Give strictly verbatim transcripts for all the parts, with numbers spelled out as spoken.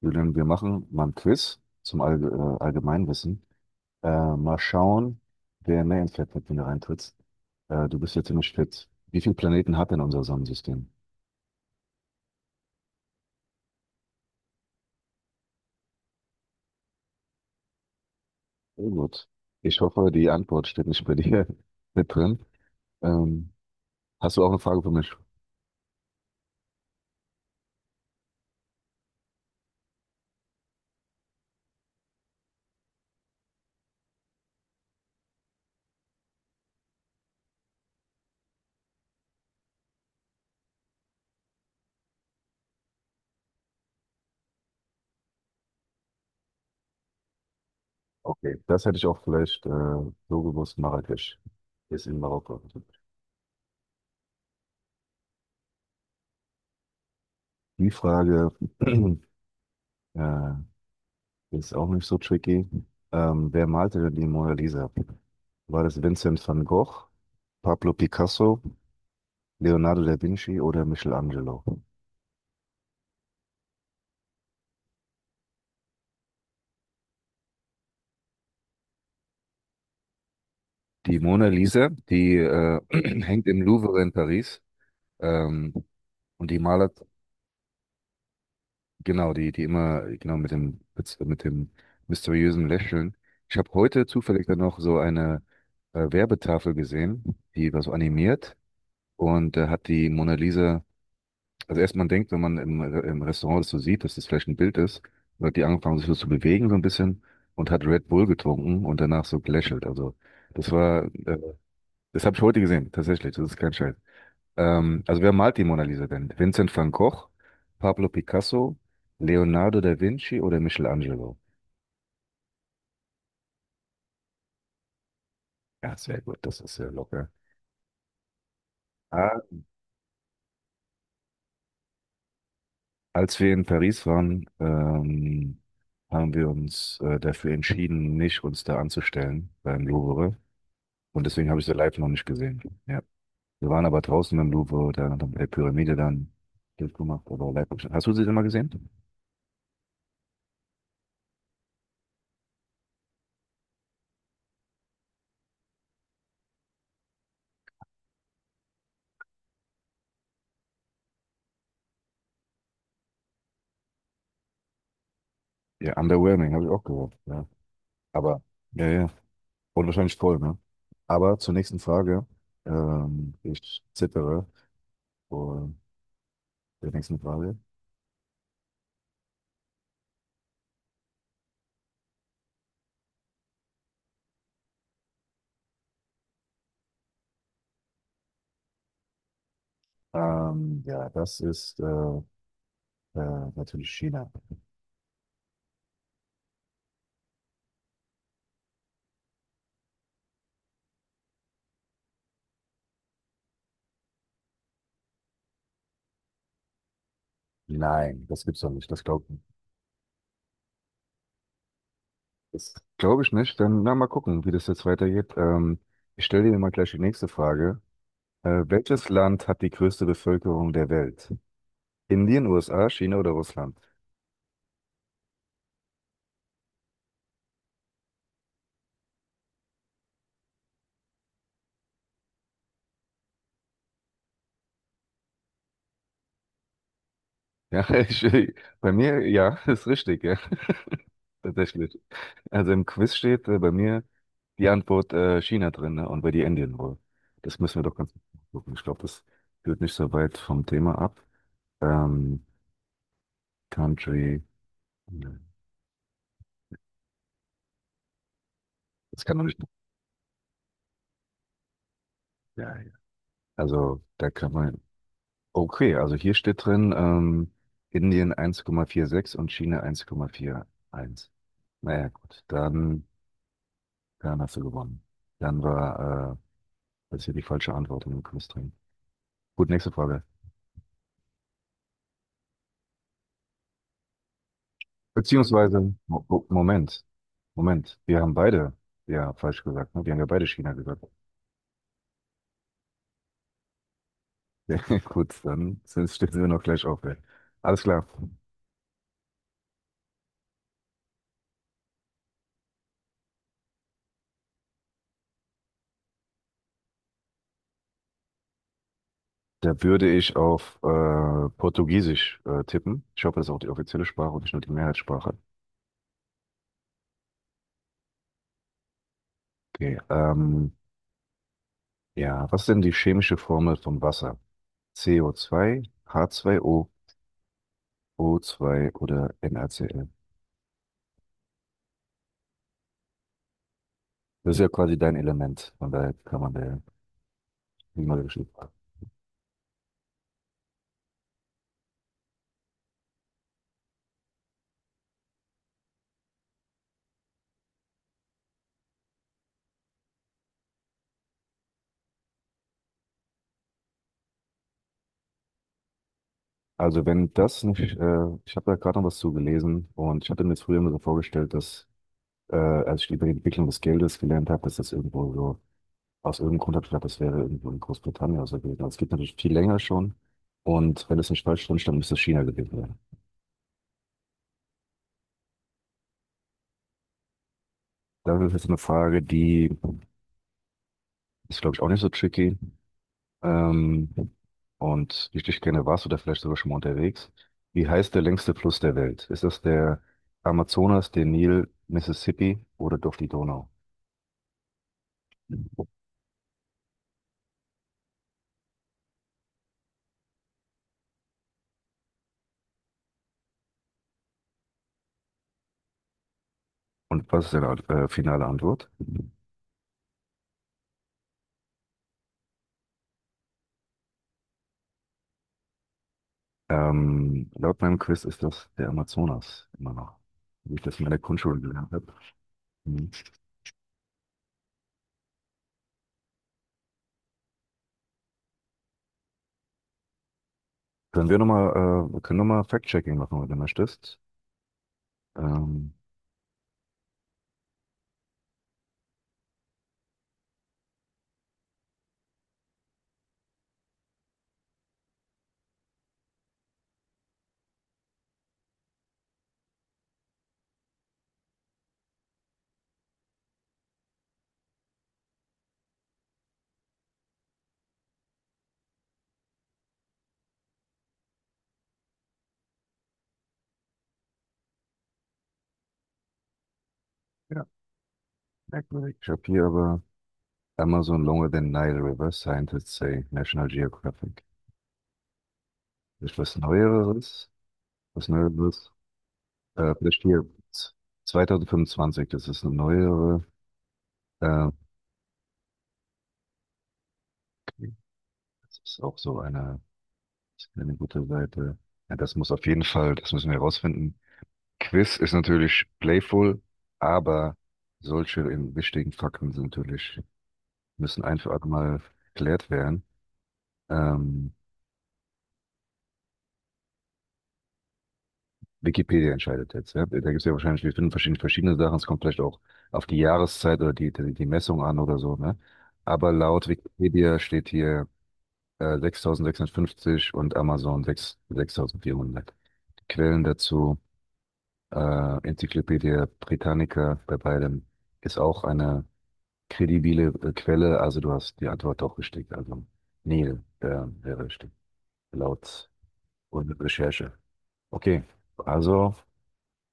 Julian, wir machen mal ein Quiz zum Allge äh, Allgemeinwissen. Äh, mal schauen, wer mehr ins Fett hat, wenn du reintrittst. Äh, du bist ja ziemlich fit. Wie viele Planeten hat denn unser Sonnensystem? Oh gut. Ich hoffe, die Antwort steht nicht bei dir mit drin. Ähm, Hast du auch eine Frage für mich? Okay, das hätte ich auch vielleicht äh, so gewusst. Marrakesch ist in Marokko. Die Frage äh, ist auch nicht so tricky. Ähm, wer malte denn die Mona Lisa? War das Vincent van Gogh, Pablo Picasso, Leonardo da Vinci oder Michelangelo? Die Mona Lisa, die äh, hängt im Louvre in Paris. Ähm, und die malert, genau, die, die immer, genau, mit dem, mit dem mysteriösen Lächeln. Ich habe heute zufällig dann noch so eine äh, Werbetafel gesehen, die war so animiert und da hat die Mona Lisa. Also erst man denkt, wenn man im, im Restaurant das so sieht, dass das vielleicht ein Bild ist, wird die angefangen, sich so zu bewegen so ein bisschen und hat Red Bull getrunken und danach so gelächelt. Also das war, äh, das habe ich heute gesehen, tatsächlich, das ist kein Scheiß. Ähm, also wer malt die Mona Lisa denn? Vincent van Gogh, Pablo Picasso, Leonardo da Vinci oder Michelangelo? Ja, sehr gut, das ist sehr locker. Ah, als wir in Paris waren, ähm, haben wir uns äh, dafür entschieden, nicht uns da anzustellen beim Louvre. Und deswegen habe ich sie live noch nicht gesehen. Ja. Wir waren aber draußen im Louvre, da haben bei der Pyramide dann Bild gemacht, aber live. hab ich- Hast du sie denn mal gesehen? Ja, underwhelming, habe ich auch gehört. Ja. Aber, ja, ja. Und wahrscheinlich voll, ne? Aber zur nächsten Frage. Ähm, ich zittere vor der nächsten Frage. Ähm, ja, das ist äh, äh, natürlich China. Nein, das gibt's doch nicht. Das glaubt nicht. Das glaube ich nicht. Dann na, mal gucken, wie das jetzt weitergeht. Ähm, ich stelle dir mal gleich die nächste Frage. Äh, welches Land hat die größte Bevölkerung der Welt? Indien, U S A, China oder Russland? Ja, ich, bei mir, ja, ist richtig, ja, tatsächlich. Also im Quiz steht äh, bei mir die Antwort äh, China drin, ne? Und bei dir Indien wohl. Das müssen wir doch ganz genau gucken. Ich glaube, das führt nicht so weit vom Thema ab. Ähm, Country, ne, das kann man nicht. Ja, ja. Also da kann man. Okay, also hier steht drin, ähm, Indien eins Komma vier sechs und China eins Komma vier eins. Naja, gut, dann, dann hast du gewonnen. Dann war äh, das hier die falsche Antwort in dem Quiz drin. Gut, nächste Frage. Beziehungsweise, Mo Mo- Moment, Moment, wir haben beide ja falsch gesagt, ne? Wir haben ja beide China gesagt. Ja, gut, dann sind, stehen wir noch gleich auf. Ey. Alles klar. Da würde ich auf äh, Portugiesisch äh, tippen. Ich hoffe, das ist auch die offizielle Sprache und nicht nur die Mehrheitssprache. Okay, ähm, ja, was ist denn die chemische Formel von Wasser? C O zwei, H zwei O, O zwei oder NaCl. Das ist ja quasi dein Element, von daher kann man da nicht mal geschrieben. Also wenn das nicht, äh, ich habe da gerade noch was zu gelesen und ich hatte mir jetzt früher immer so vorgestellt, dass äh, als ich über die Entwicklung des Geldes gelernt habe, dass das irgendwo so, aus irgendeinem Grund habe ich gedacht, das wäre irgendwo in Großbritannien oder so gewesen. Aber es gibt natürlich viel länger schon und wenn es nicht falsch drin stand, müsste es China gewesen sein. Das ist jetzt eine Frage, die ist, glaube ich, auch nicht so tricky. Ähm, und wie ich dich kenne, warst du da vielleicht sogar schon mal unterwegs. Wie heißt der längste Fluss der Welt? Ist das der Amazonas, der Nil, Mississippi oder doch die Donau? Und was ist deine äh, finale Antwort? Ähm, laut meinem Quiz ist das der Amazonas immer noch, wie ich das in meiner Grundschule gelernt habe. Mhm. Können wir nochmal, äh, wir können nochmal Fact-Checking machen, wenn du möchtest. Ähm, ja, merkwürdig. Ich habe hier aber Amazon longer than Nile River, scientists say, National Geographic. Ist was Neueres? Was Neueres? Äh, vielleicht hier zwanzig fünfundzwanzig, das ist eine neuere. Äh, okay. Das ist auch so eine, eine gute Seite. Ja, das muss auf jeden Fall, das müssen wir herausfinden. Quiz ist natürlich playful, aber solche in wichtigen Fakten sind natürlich, müssen einfach mal geklärt werden. Ähm, Wikipedia entscheidet jetzt, ja. Da gibt es ja wahrscheinlich, wir finden verschiedene, verschiedene Sachen. Es kommt vielleicht auch auf die Jahreszeit oder die, die, die Messung an oder so, ne? Aber laut Wikipedia steht hier äh, sechstausendsechshundertfünfzig und Amazon sechs, sechstausendvierhundert. Quellen dazu, äh, Enzyklopädie Britannica bei beidem ist auch eine kredibile äh, Quelle. Also du hast die Antwort doch richtig. Also Neil äh, wäre richtig. Laut und Recherche. Okay, also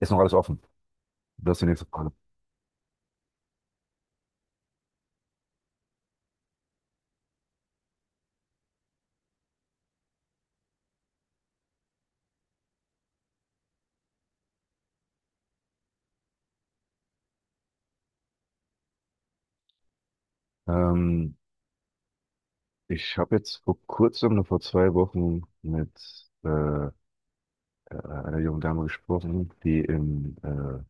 ist noch alles offen. Das ist die nächste Frage. Ähm, ich habe jetzt vor kurzem, nur vor zwei Wochen, mit äh, äh, einer jungen Dame gesprochen, die in äh,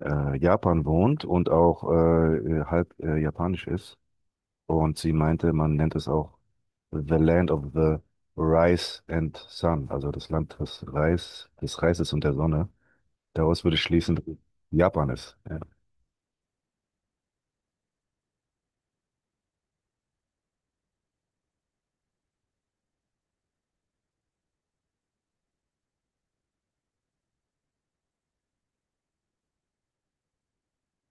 äh, Japan wohnt und auch äh, äh, halb äh, japanisch ist. Und sie meinte, man nennt es auch The Land of the Rice and Sun, also das Land des Reis, des Reises und der Sonne. Daraus würde ich schließen, dass es Japan ist. Ja.